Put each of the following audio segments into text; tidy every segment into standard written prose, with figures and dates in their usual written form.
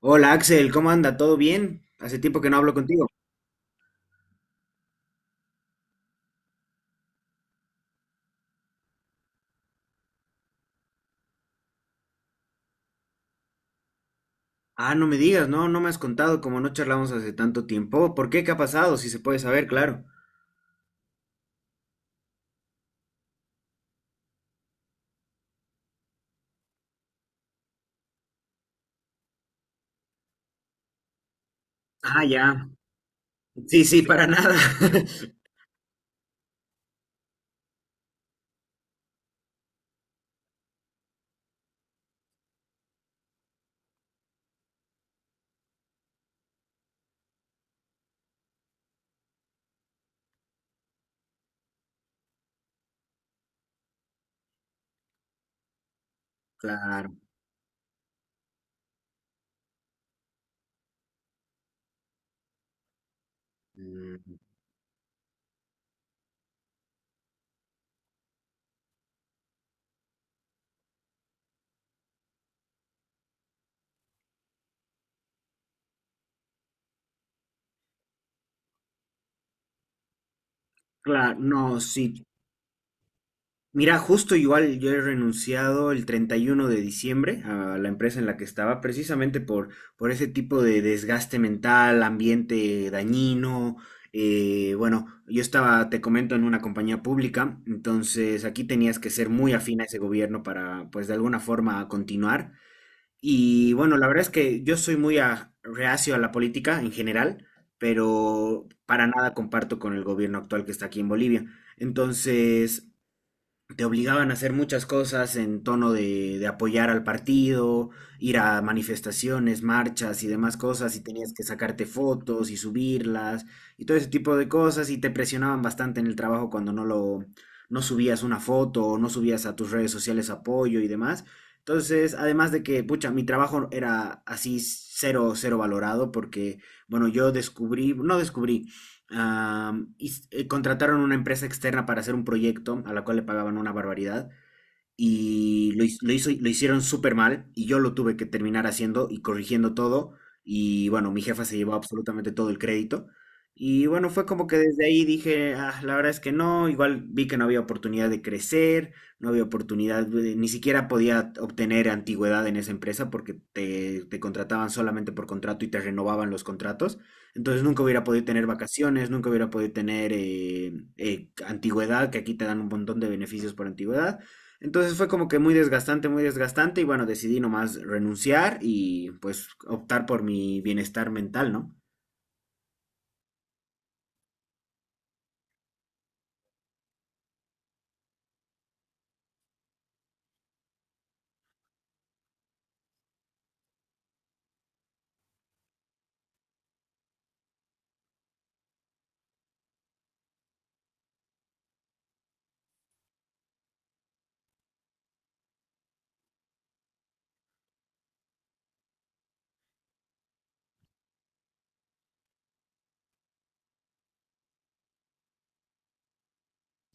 Hola Axel, ¿cómo anda? ¿Todo bien? Hace tiempo que no hablo contigo. Ah, no me digas, no, no me has contado como no charlamos hace tanto tiempo. ¿Por qué? ¿Qué ha pasado? Si se puede saber, claro. Ah, ya. Sí, sí, para nada. Claro. Mm, claro, no, sí. Mira, justo igual yo he renunciado el 31 de diciembre a la empresa en la que estaba, precisamente por ese tipo de desgaste mental, ambiente dañino. Bueno, yo estaba, te comento, en una compañía pública, entonces aquí tenías que ser muy afín a ese gobierno para, pues, de alguna forma continuar. Y bueno, la verdad es que yo soy muy reacio a la política en general, pero para nada comparto con el gobierno actual que está aquí en Bolivia. Entonces te obligaban a hacer muchas cosas en tono de apoyar al partido, ir a manifestaciones, marchas y demás cosas, y tenías que sacarte fotos y subirlas y todo ese tipo de cosas, y te presionaban bastante en el trabajo cuando no lo, no subías una foto o no subías a tus redes sociales apoyo y demás. Entonces, además de que, pucha, mi trabajo era así cero, cero valorado porque, bueno, yo descubrí, no descubrí, Y contrataron una empresa externa para hacer un proyecto a la cual le pagaban una barbaridad y lo, his- lo hizo, lo hicieron súper mal y yo lo tuve que terminar haciendo y corrigiendo todo. Y bueno, mi jefa se llevó absolutamente todo el crédito y bueno, fue como que desde ahí dije, "Ah, la verdad es que no, igual vi que no había oportunidad de crecer, no había oportunidad, ni siquiera podía obtener antigüedad en esa empresa porque te contrataban solamente por contrato y te renovaban los contratos, entonces nunca hubiera podido tener vacaciones, nunca hubiera podido tener antigüedad, que aquí te dan un montón de beneficios por antigüedad. Entonces fue como que muy desgastante y bueno, decidí nomás renunciar y pues optar por mi bienestar mental, ¿no?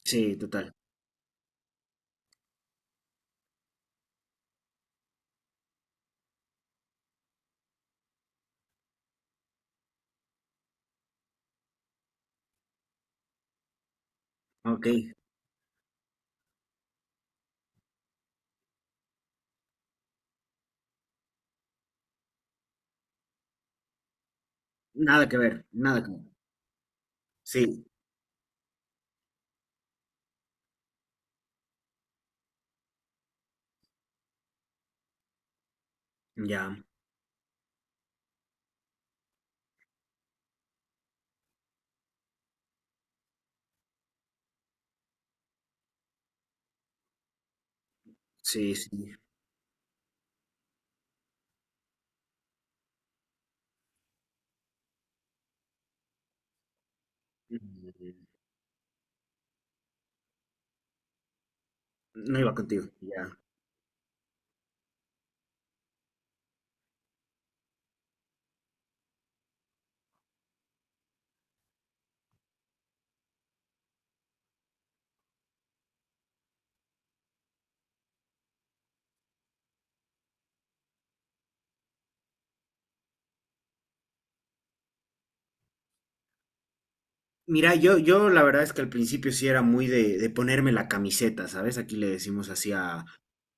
Sí, total. OK. Nada que ver, nada que ver. Sí, ya. Sí, sí. Mm, no iba contigo, ya. Mira, yo la verdad es que al principio sí era muy de ponerme la camiseta, ¿sabes? Aquí le decimos así a,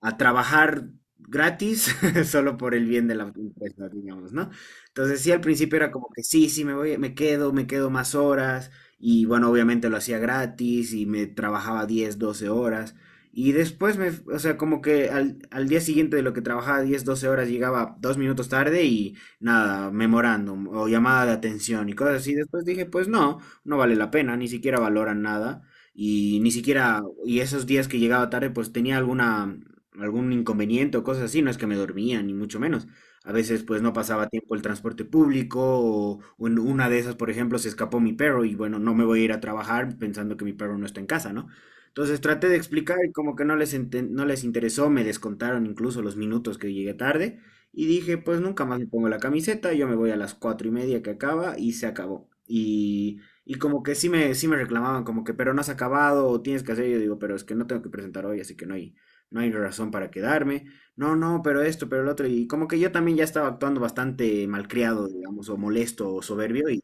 a trabajar gratis, solo por el bien de la empresa, digamos, ¿no? Entonces sí, al principio era como que sí, sí, me voy, me quedo más horas, y bueno, obviamente lo hacía gratis y me trabajaba 10 12 horas, y después o sea, como que al día siguiente de lo que trabajaba 10 12 horas llegaba 2 minutos tarde y nada, memorándum o llamada de atención y cosas así. Después dije, pues no vale la pena, ni siquiera valoran nada y ni siquiera, y esos días que llegaba tarde pues tenía alguna, algún inconveniente o cosas así, no es que me dormía, ni mucho menos. A veces pues no pasaba tiempo el transporte público o en una de esas, por ejemplo, se escapó mi perro y bueno, no me voy a ir a trabajar pensando que mi perro no está en casa, ¿no? Entonces traté de explicar y como que no les interesó, me descontaron incluso los minutos que llegué tarde y dije, pues nunca más me pongo la camiseta, yo me voy a las 4:30 que acaba y se acabó. Y como que sí me reclamaban, como que, pero no has acabado, o tienes que hacer. Yo digo, pero es que no tengo que presentar hoy, así que no hay razón para quedarme. No, no, pero esto, pero el otro. Y como que yo también ya estaba actuando bastante malcriado, digamos, o molesto o soberbio. Y,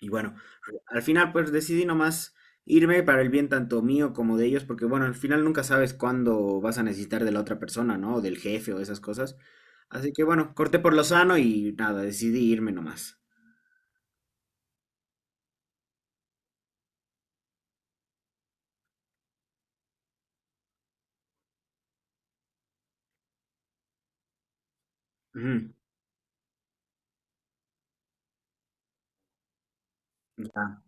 y bueno, al final pues decidí nomás irme para el bien tanto mío como de ellos, porque bueno, al final nunca sabes cuándo vas a necesitar de la otra persona, ¿no? O del jefe o esas cosas. Así que bueno, corté por lo sano y nada, decidí irme nomás. Ujú, ya,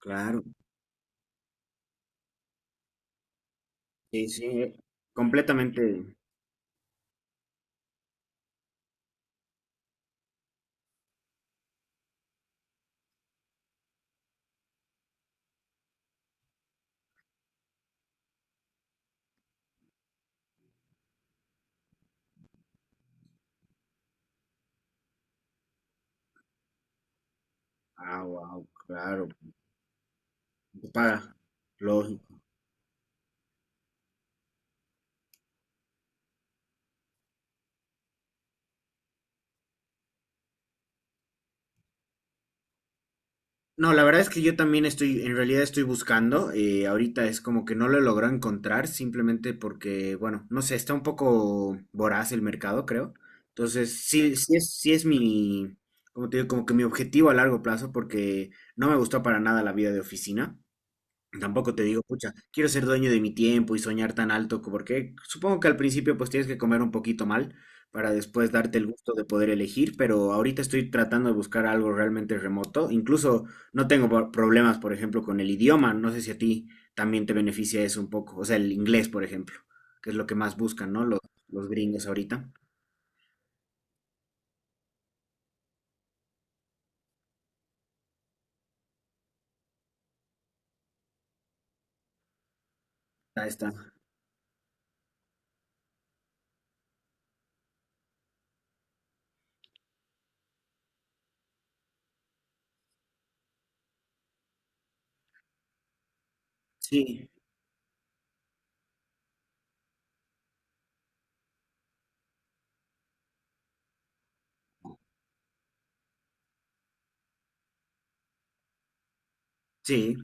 claro. Sí, sí, completamente. Ah, wow, claro, para, lógico. No, la verdad es que yo también estoy, en realidad estoy buscando, ahorita es como que no lo logro encontrar, simplemente porque, bueno, no sé, está un poco voraz el mercado, creo. Entonces, sí, sí es mi, como te digo, como que mi objetivo a largo plazo, porque no me gustó para nada la vida de oficina. Tampoco te digo, pucha, quiero ser dueño de mi tiempo y soñar tan alto, porque supongo que al principio pues tienes que comer un poquito mal para después darte el gusto de poder elegir, pero ahorita estoy tratando de buscar algo realmente remoto. Incluso no tengo problemas, por ejemplo, con el idioma. No sé si a ti también te beneficia eso un poco. O sea, el inglés, por ejemplo, que es lo que más buscan, ¿no? Los gringos ahorita. Ahí está. Sí, sí.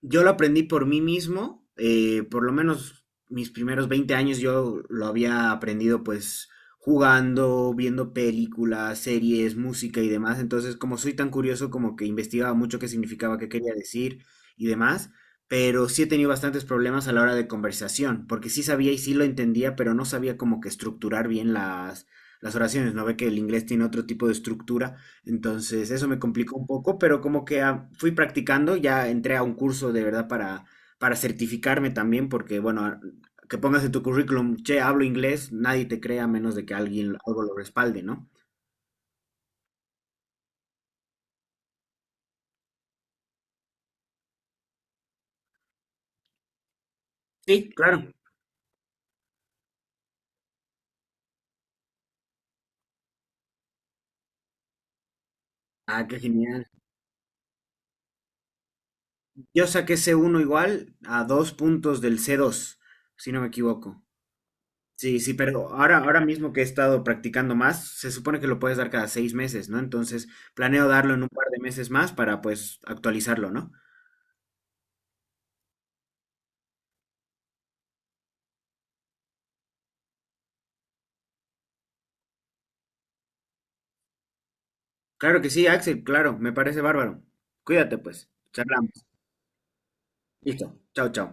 Yo lo aprendí por mí mismo, por lo menos mis primeros 20 años yo lo había aprendido pues jugando, viendo películas, series, música y demás. Entonces, como soy tan curioso, como que investigaba mucho qué significaba, qué quería decir y demás. Pero sí he tenido bastantes problemas a la hora de conversación, porque sí sabía y sí lo entendía, pero no sabía como que estructurar bien las oraciones. No ve que el inglés tiene otro tipo de estructura entonces, eso me complicó un poco, pero como que fui practicando, ya entré a un curso de verdad para, certificarme también, porque bueno, que pongas en tu currículum, che, hablo inglés, nadie te crea a menos de que alguien algo lo respalde, ¿no? Sí, claro. Ah, qué genial. Yo saqué C1 igual a 2 puntos del C2 si no me equivoco. Sí, sí, pero ahora, ahora mismo que he estado practicando más, se supone que lo puedes dar cada 6 meses, ¿no? Entonces, planeo darlo en un par de meses más para pues actualizarlo, ¿no? Claro que sí, Axel, claro, me parece bárbaro. Cuídate pues, charlamos. Listo, chao, chao.